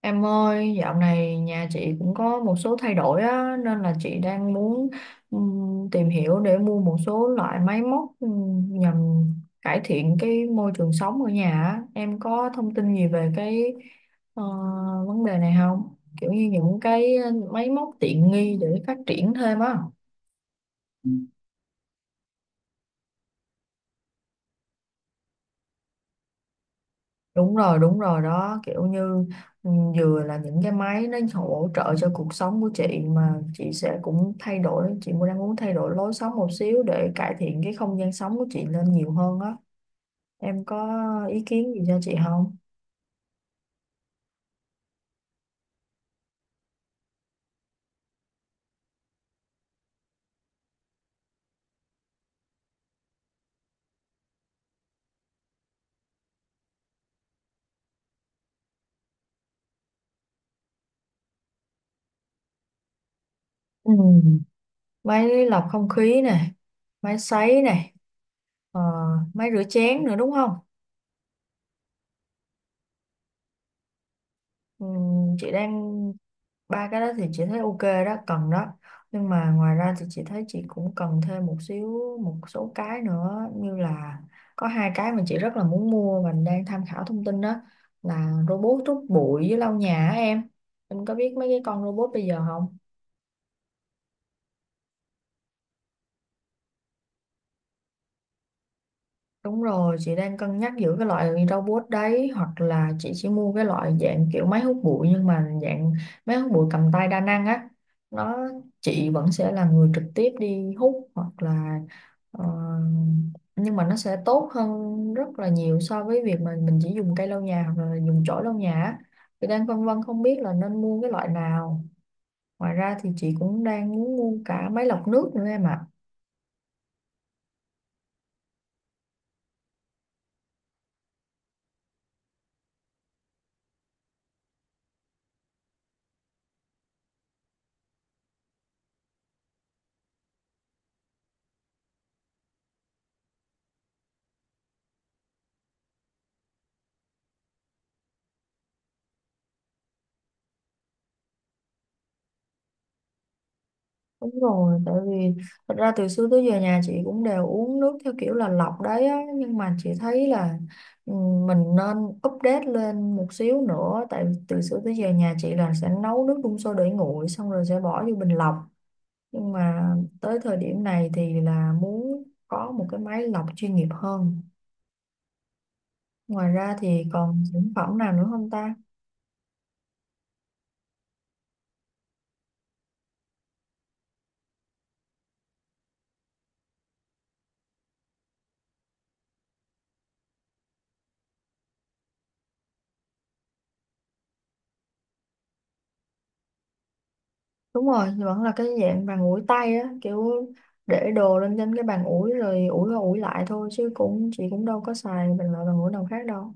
Em ơi, dạo này nhà chị cũng có một số thay đổi á, nên là chị đang muốn tìm hiểu để mua một số loại máy móc nhằm cải thiện cái môi trường sống ở nhà á. Em có thông tin gì về cái ờ, vấn đề này không? Kiểu như những cái máy móc tiện nghi để phát triển thêm á. Đúng rồi, đúng rồi đó, kiểu như ừ, vừa là những cái máy nó hỗ trợ cho cuộc sống của chị, mà chị sẽ cũng thay đổi, chị cũng đang muốn thay đổi lối sống một xíu để cải thiện cái không gian sống của chị lên nhiều hơn á. Em có ý kiến gì cho chị không? Ừ. Máy lọc không khí này, máy sấy này, ờ, máy rửa chén nữa đúng không? Chị đang, ba cái đó thì chị thấy ok đó, cần đó, nhưng mà ngoài ra thì chị thấy chị cũng cần thêm một xíu, một số cái nữa như là có hai cái mà chị rất là muốn mua và đang tham khảo thông tin, đó là robot hút bụi với lau nhà á em. Em có biết mấy cái con robot bây giờ không? Đúng rồi, chị đang cân nhắc giữa cái loại robot đấy hoặc là chị chỉ mua cái loại dạng kiểu máy hút bụi nhưng mà dạng máy hút bụi cầm tay đa năng á. Nó, chị vẫn sẽ là người trực tiếp đi hút hoặc là ờ, nhưng mà nó sẽ tốt hơn rất là nhiều so với việc mà mình chỉ dùng cây lau nhà hoặc là dùng chổi lau nhà á. Chị đang phân vân không biết là nên mua cái loại nào. Ngoài ra thì chị cũng đang muốn mua cả máy lọc nước nữa em ạ. Đúng rồi, tại vì thật ra từ xưa tới giờ nhà chị cũng đều uống nước theo kiểu là lọc đấy á, nhưng mà chị thấy là ừ, mình nên update lên một xíu nữa, tại vì từ xưa tới giờ nhà chị là sẽ nấu nước đun sôi để nguội xong rồi sẽ bỏ vô bình lọc, nhưng mà tới thời điểm này thì là muốn có một cái máy lọc chuyên nghiệp hơn. Ngoài ra thì còn sản phẩm nào nữa không ta? Đúng rồi, vẫn là cái dạng bàn ủi tay á, kiểu để đồ lên trên cái bàn ủi rồi ủi qua ủi lại thôi, chứ cũng, chị cũng đâu có xài bằng loại bàn ủi nào khác đâu.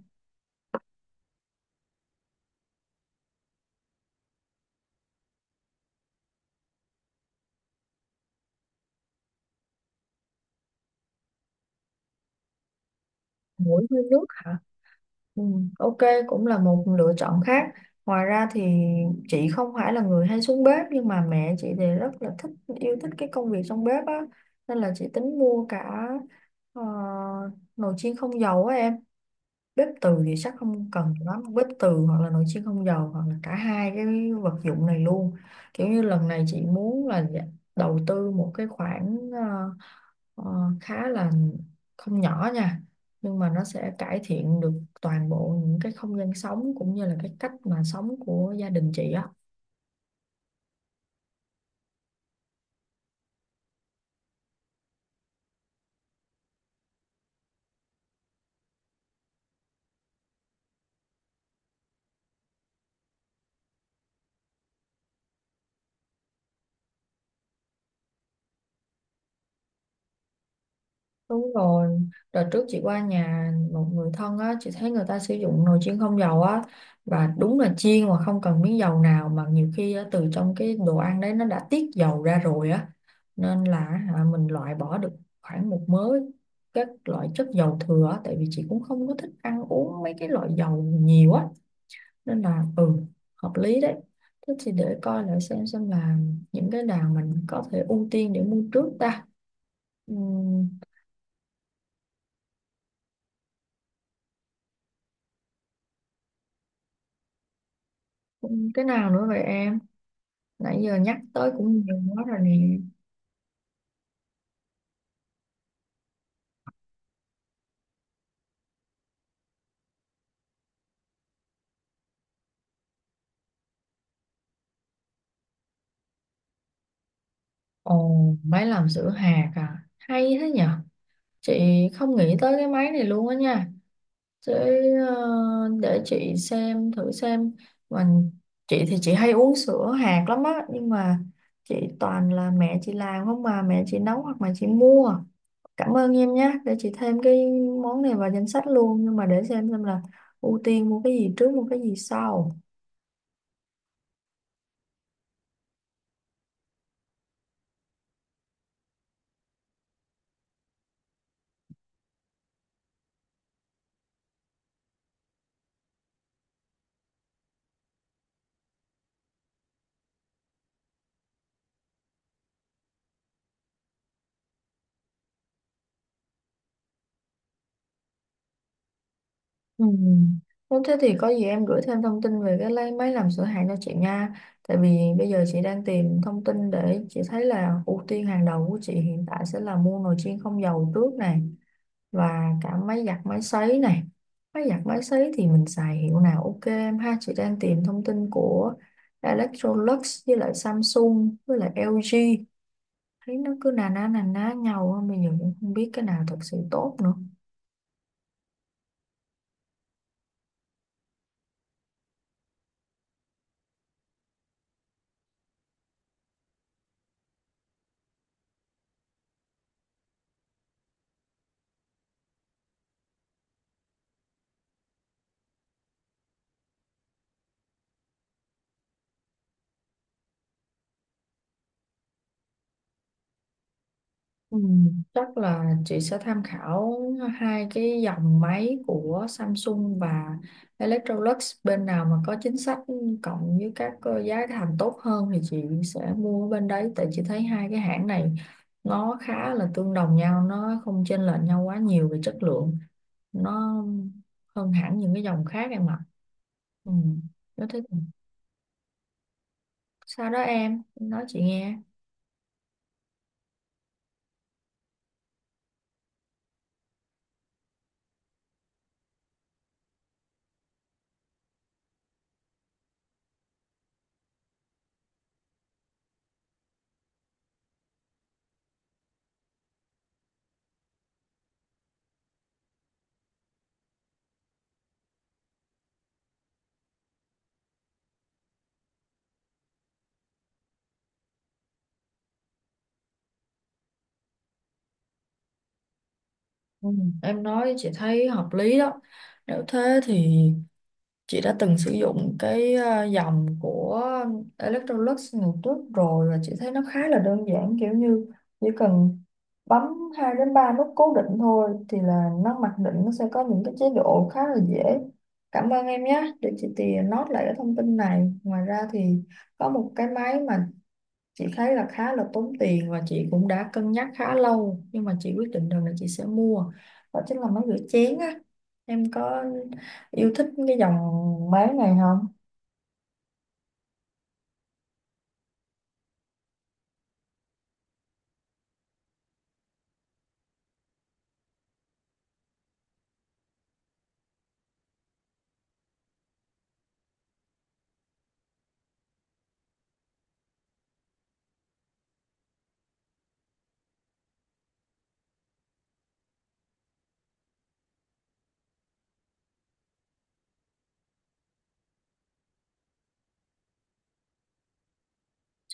Mũi với nước hả? Ừ, ok, cũng là một lựa chọn khác. Ngoài ra thì chị không phải là người hay xuống bếp nhưng mà mẹ chị thì rất là thích, yêu thích cái công việc trong bếp á, nên là chị tính mua cả ờ, nồi chiên không dầu á em. Bếp từ thì chắc không cần lắm, bếp từ hoặc là nồi chiên không dầu hoặc là cả hai cái vật dụng này luôn. Kiểu như lần này chị muốn là đầu tư một cái khoản khá là không nhỏ nha, nhưng mà nó sẽ cải thiện được toàn bộ những cái không gian sống cũng như là cái cách mà sống của gia đình chị á. Đúng rồi, đợt trước chị qua nhà một người thân á, chị thấy người ta sử dụng nồi chiên không dầu á và đúng là chiên mà không cần miếng dầu nào, mà nhiều khi á, từ trong cái đồ ăn đấy nó đã tiết dầu ra rồi á, nên là hả, mình loại bỏ được khoảng một mớ các loại chất dầu thừa á, tại vì chị cũng không có thích ăn uống mấy cái loại dầu nhiều á, nên là hợp lý đấy. Thế thì để coi lại xem là những cái nào mình có thể ưu tiên để mua trước ta. Ừ. Cái nào nữa vậy em? Nãy giờ nhắc tới cũng nhiều quá rồi nè. Ồ, máy làm sữa hạt à? Hay thế nhở? Chị không nghĩ tới cái máy này luôn á nha. Để, để chị xem, thử xem. Mình, chị thì chị hay uống sữa hạt lắm á. Nhưng mà chị toàn là mẹ chị làm không, mà mẹ chị nấu hoặc mà chị mua. Cảm ơn em nhé. Để chị thêm cái món này vào danh sách luôn. Nhưng mà để xem là ưu tiên mua cái gì trước, mua cái gì sau. Ừ. Nếu thế thì có gì em gửi thêm thông tin về cái lấy máy làm sửa hàng cho chị nha. Tại vì bây giờ chị đang tìm thông tin để chị thấy là ưu tiên hàng đầu của chị hiện tại sẽ là mua nồi chiên không dầu trước này và cả máy giặt máy sấy này. Máy giặt máy sấy thì mình xài hiệu nào ok em ha. Chị đang tìm thông tin của Electrolux với lại Samsung với lại LG. Thấy nó cứ nà ná nhau á, bây giờ cũng không biết cái nào thật sự tốt nữa. Ừ, chắc là chị sẽ tham khảo hai cái dòng máy của Samsung và Electrolux, bên nào mà có chính sách cộng với các giá thành tốt hơn thì chị sẽ mua ở bên đấy, tại chị thấy hai cái hãng này nó khá là tương đồng nhau, nó không chênh lệch nhau quá nhiều về chất lượng, nó hơn hẳn những cái dòng khác em ạ. Ừ. Nó thế sao đó em nói chị nghe. Ừ, em nói chị thấy hợp lý đó. Nếu thế thì chị đã từng sử dụng cái dòng của Electrolux ngày trước rồi và chị thấy nó khá là đơn giản, kiểu như chỉ cần bấm 2 đến 3 nút cố định thôi thì là nó mặc định, nó sẽ có những cái chế độ khá là dễ. Cảm ơn em nhé, để chị tìa note lại cái thông tin này. Ngoài ra thì có một cái máy mà chị thấy là khá là tốn tiền và chị cũng đã cân nhắc khá lâu nhưng mà chị quyết định rằng là chị sẽ mua, đó chính là máy rửa chén á. Em có yêu thích cái dòng máy này không?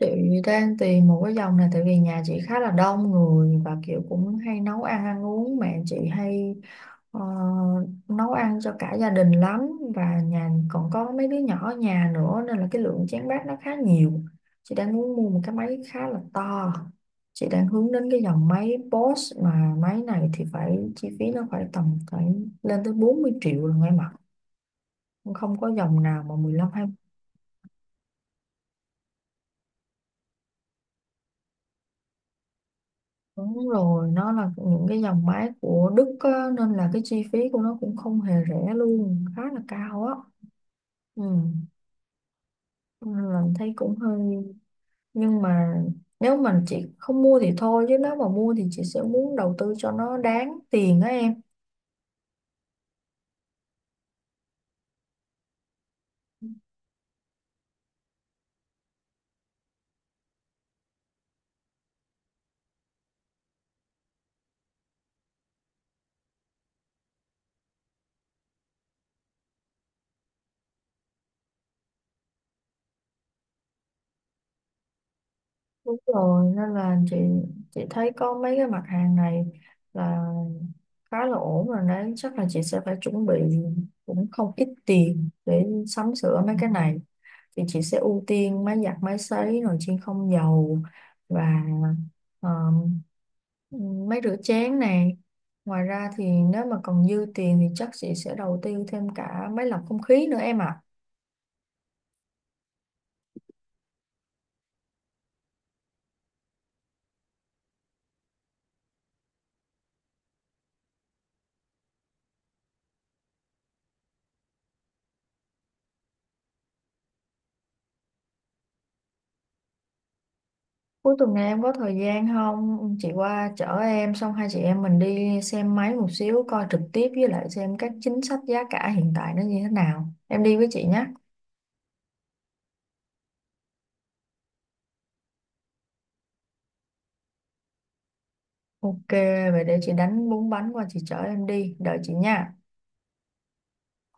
Chị đang tìm một cái dòng này tại vì nhà chị khá là đông người và kiểu cũng hay nấu ăn, ăn uống, mẹ chị hay ờ, nấu ăn cho cả gia đình lắm, và nhà còn có mấy đứa nhỏ ở nhà nữa nên là cái lượng chén bát nó khá nhiều. Chị đang muốn mua một cái máy khá là to. Chị đang hướng đến cái dòng máy Boss, mà máy này thì phải, chi phí nó phải tầm, phải lên tới 40 triệu rồi em ạ, không có dòng nào mà 15. Đúng rồi, nó là những cái dòng máy của Đức á, nên là cái chi phí của nó cũng không hề rẻ luôn, khá là cao á. Ừ. Nên là thấy cũng hơi, nhưng mà nếu mà chị không mua thì thôi chứ nếu mà mua thì chị sẽ muốn đầu tư cho nó đáng tiền á em. Đúng rồi, nên là chị thấy có mấy cái mặt hàng này là khá là ổn rồi đấy, chắc là chị sẽ phải chuẩn bị cũng không ít tiền để sắm sửa mấy cái này. Thì chị sẽ ưu tiên máy giặt, máy sấy, nồi chiên không dầu và ờ, máy rửa chén này. Ngoài ra thì nếu mà còn dư tiền thì chắc chị sẽ đầu tư thêm cả máy lọc không khí nữa em ạ. Cuối tuần này em có thời gian không? Chị qua chở em xong hai chị em mình đi xem máy một xíu, coi trực tiếp với lại xem các chính sách giá cả hiện tại nó như thế nào. Em đi với chị nhé. Ok, vậy để chị đánh bún bánh qua chị chở em đi. Đợi chị nha.